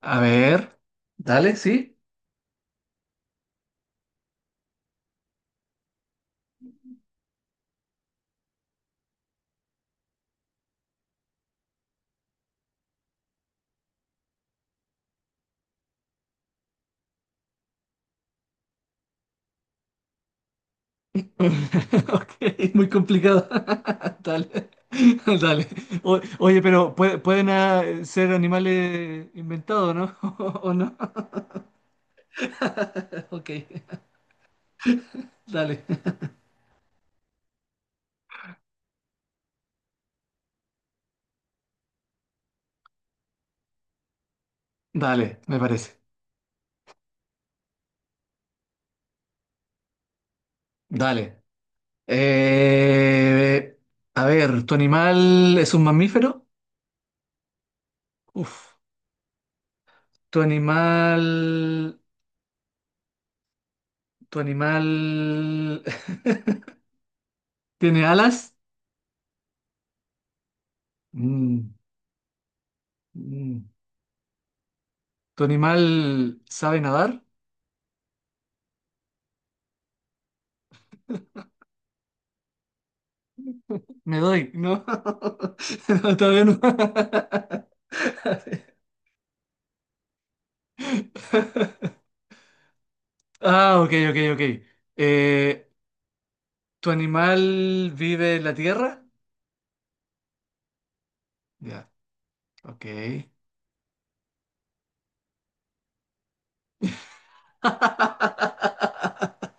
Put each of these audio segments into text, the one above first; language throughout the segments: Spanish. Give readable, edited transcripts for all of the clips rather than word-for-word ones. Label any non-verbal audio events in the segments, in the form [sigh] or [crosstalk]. A ver, dale, sí. [laughs] Ok, muy complicado. [laughs] Dale, [laughs] dale. Oye, pero pueden ser animales inventados, ¿no? [laughs] ¿O no? [laughs] Ok, dale. Dale, me parece. Dale. Eh, a ver, ¿tu animal es un mamífero? Uf. ¿Tu animal... ¿Tu animal [laughs] tiene alas? Mm, mm. ¿Tu animal sabe nadar? Me doy, ¿no? [laughs] No, todavía no. [laughs] Ah, ok, ok, ok. Eh, ¿Tu animal vive en la tierra? Ya, ok.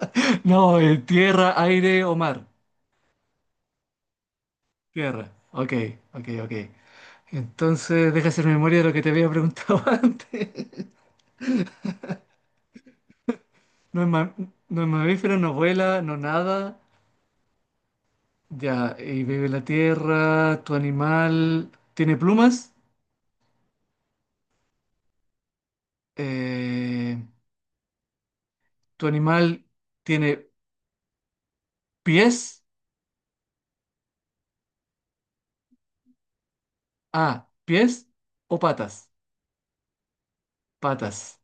[laughs] No, en tierra, aire o mar. Tierra. Ok, ok, ok. Entonces, deja hacer memoria de lo que te había preguntado [laughs] antes. No es, ma- no es mamífero, no vuela, no nada. Ya, y vive en la tierra. ¿Tu animal tiene plumas? Eh, ¿Tu animal tiene pies? Ah, ¿pies o patas? Patas.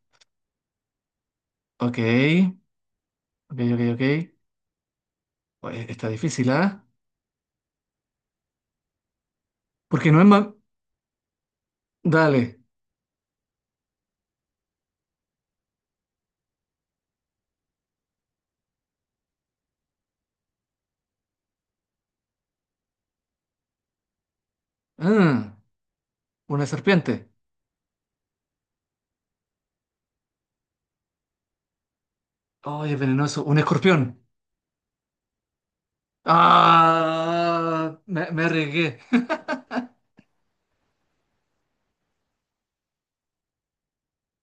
Ok, ok, ok, ok. Oye, está difícil, ¿ah? Porque no es más... Dale. Ah, una serpiente. Oye, es venenoso. Un escorpión. Ah, me arriesgué. [laughs]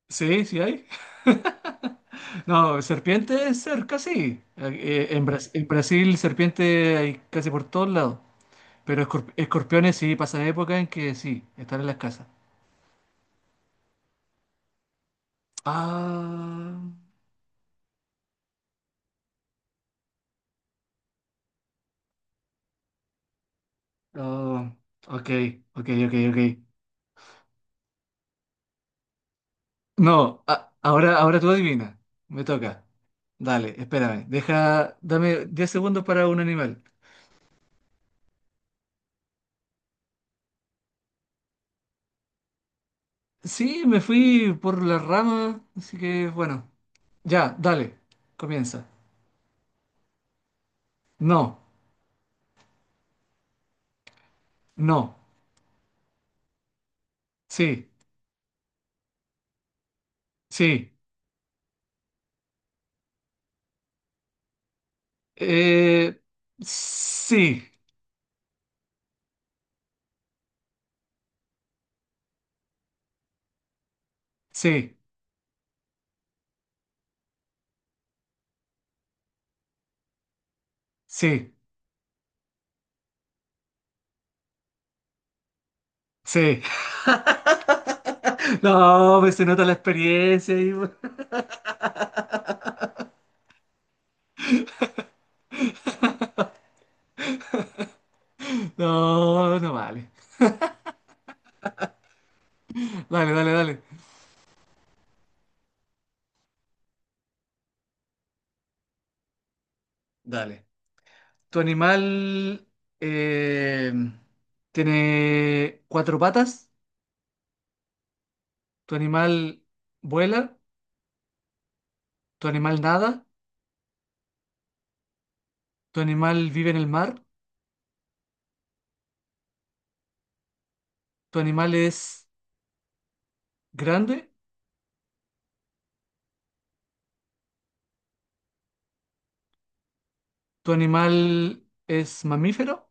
Sí, sí hay. No, serpiente cerca, sí. En Brasil, serpiente hay casi por todos lados. Pero escorpiones sí, pasan época en que sí, están en las casas. Ah, oh, ok, ok, ok, ok. No, ahora, ahora tú adivina. Me toca. Dale, espérame. Dame 10 segundos para un animal. Sí, me fui por la rama, así que bueno. Ya, dale, comienza. No, no, sí, sí, eh, sí, sí, sí, sí. [laughs] No, pues se nota la experiencia y... [laughs] No, no vale. Dale, dale, dale. Dale. ¿Tu animal eh, tiene cuatro patas? ¿Tu animal vuela? ¿Tu animal nada? ¿Tu animal vive en el mar? ¿Tu animal es grande? ¿Tu animal es mamífero?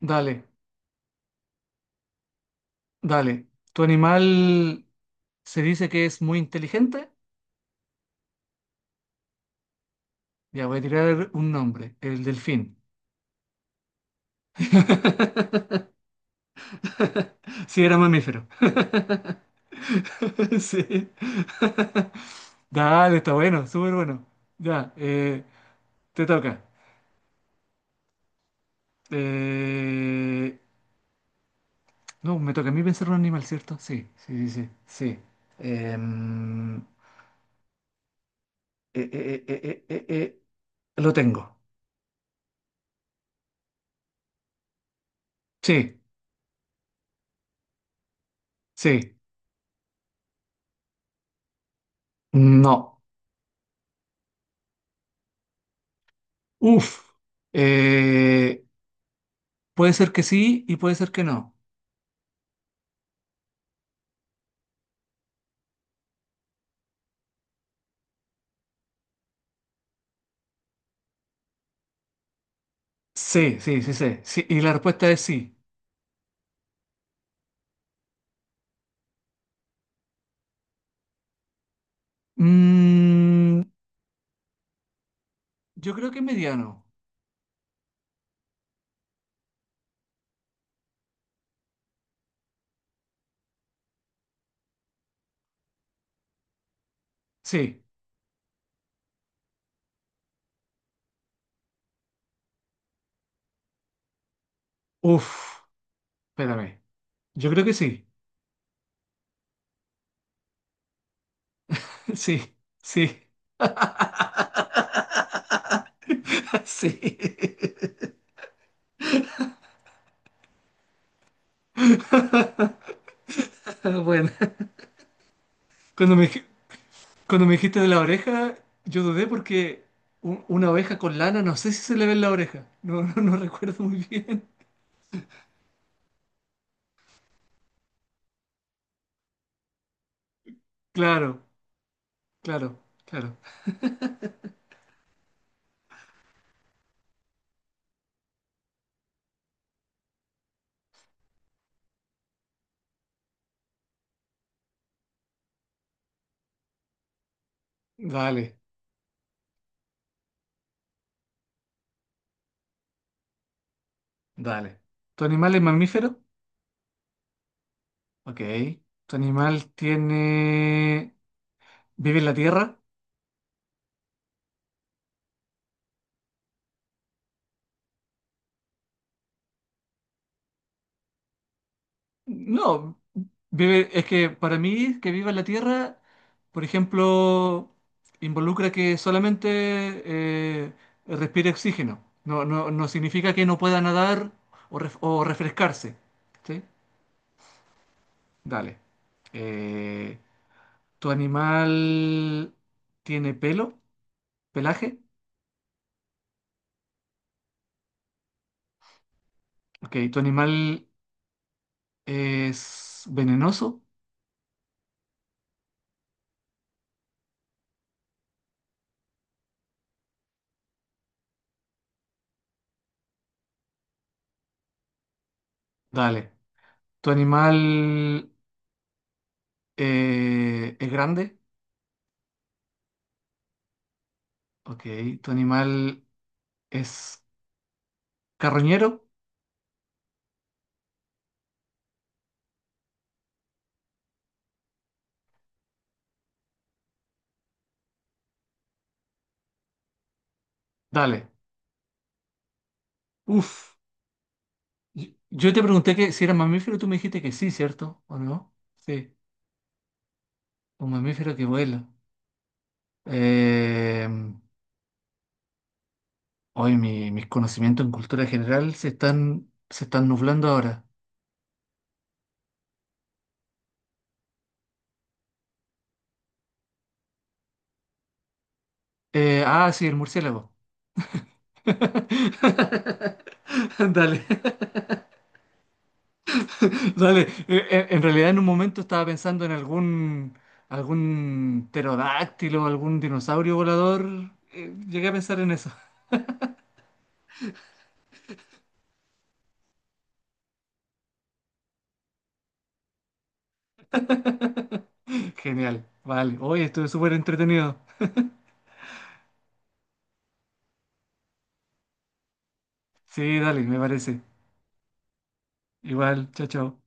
Dale, dale. ¿Tu animal se dice que es muy inteligente? Ya voy a tirar un nombre, el delfín. [laughs] Sí, era mamífero. [laughs] Sí. Dale, está bueno, súper bueno. Ya, te toca. Eh, no, me toca a mí pensar un animal, ¿cierto? Sí, sí, sí, sí, sí. Em, eh, eh, eh, eh, eh, eh, eh, lo tengo. Sí, sí. No. Uf. Eh, puede ser que sí y puede ser que no. Sí, sí, sí, sí, sí. Y la respuesta es sí. Mm, yo creo que mediano. Sí. Uf. Espérame. Yo creo que sí. [laughs] Sí. Sí. [laughs] Sí. [laughs] Bueno, cuando me, dij- cuando me dijiste de la oreja, yo dudé porque una oveja con lana, no sé si se le ve en la oreja. No, [laughs] no, no recuerdo muy bien. Claro, claro, claro. Dale, dale. ¿Tu animal es mamífero? Ok. ¿Tu animal tiene... ¿vive en la tierra? No, vive, es que para mí que viva en la Tierra, por ejemplo, involucra que solamente respire oxígeno. No, no, no significa que no pueda nadar o, o refrescarse. ¿Sí? Dale. Eh, ¿Tu animal tiene pelo? ¿Pelaje? Ok, ¿tu animal es venenoso? Dale. ¿Tu animal es grande? Ok, ¿tu animal ¿es carroñero? Dale. Uf. Yo te pregunté que si era mamífero, tú me dijiste que sí, ¿cierto? ¿O no? Sí. Un mamífero que vuela. Eh, hoy mis conocimientos en cultura general se están nublando ahora. Sí, el murciélago. [laughs] Dale. Dale. En realidad en un momento estaba pensando en algún pterodáctilo, algún dinosaurio volador. Llegué a pensar en eso. Genial, vale. Hoy estuve súper entretenido. Sí, dale, me parece. Igual, chao, chao.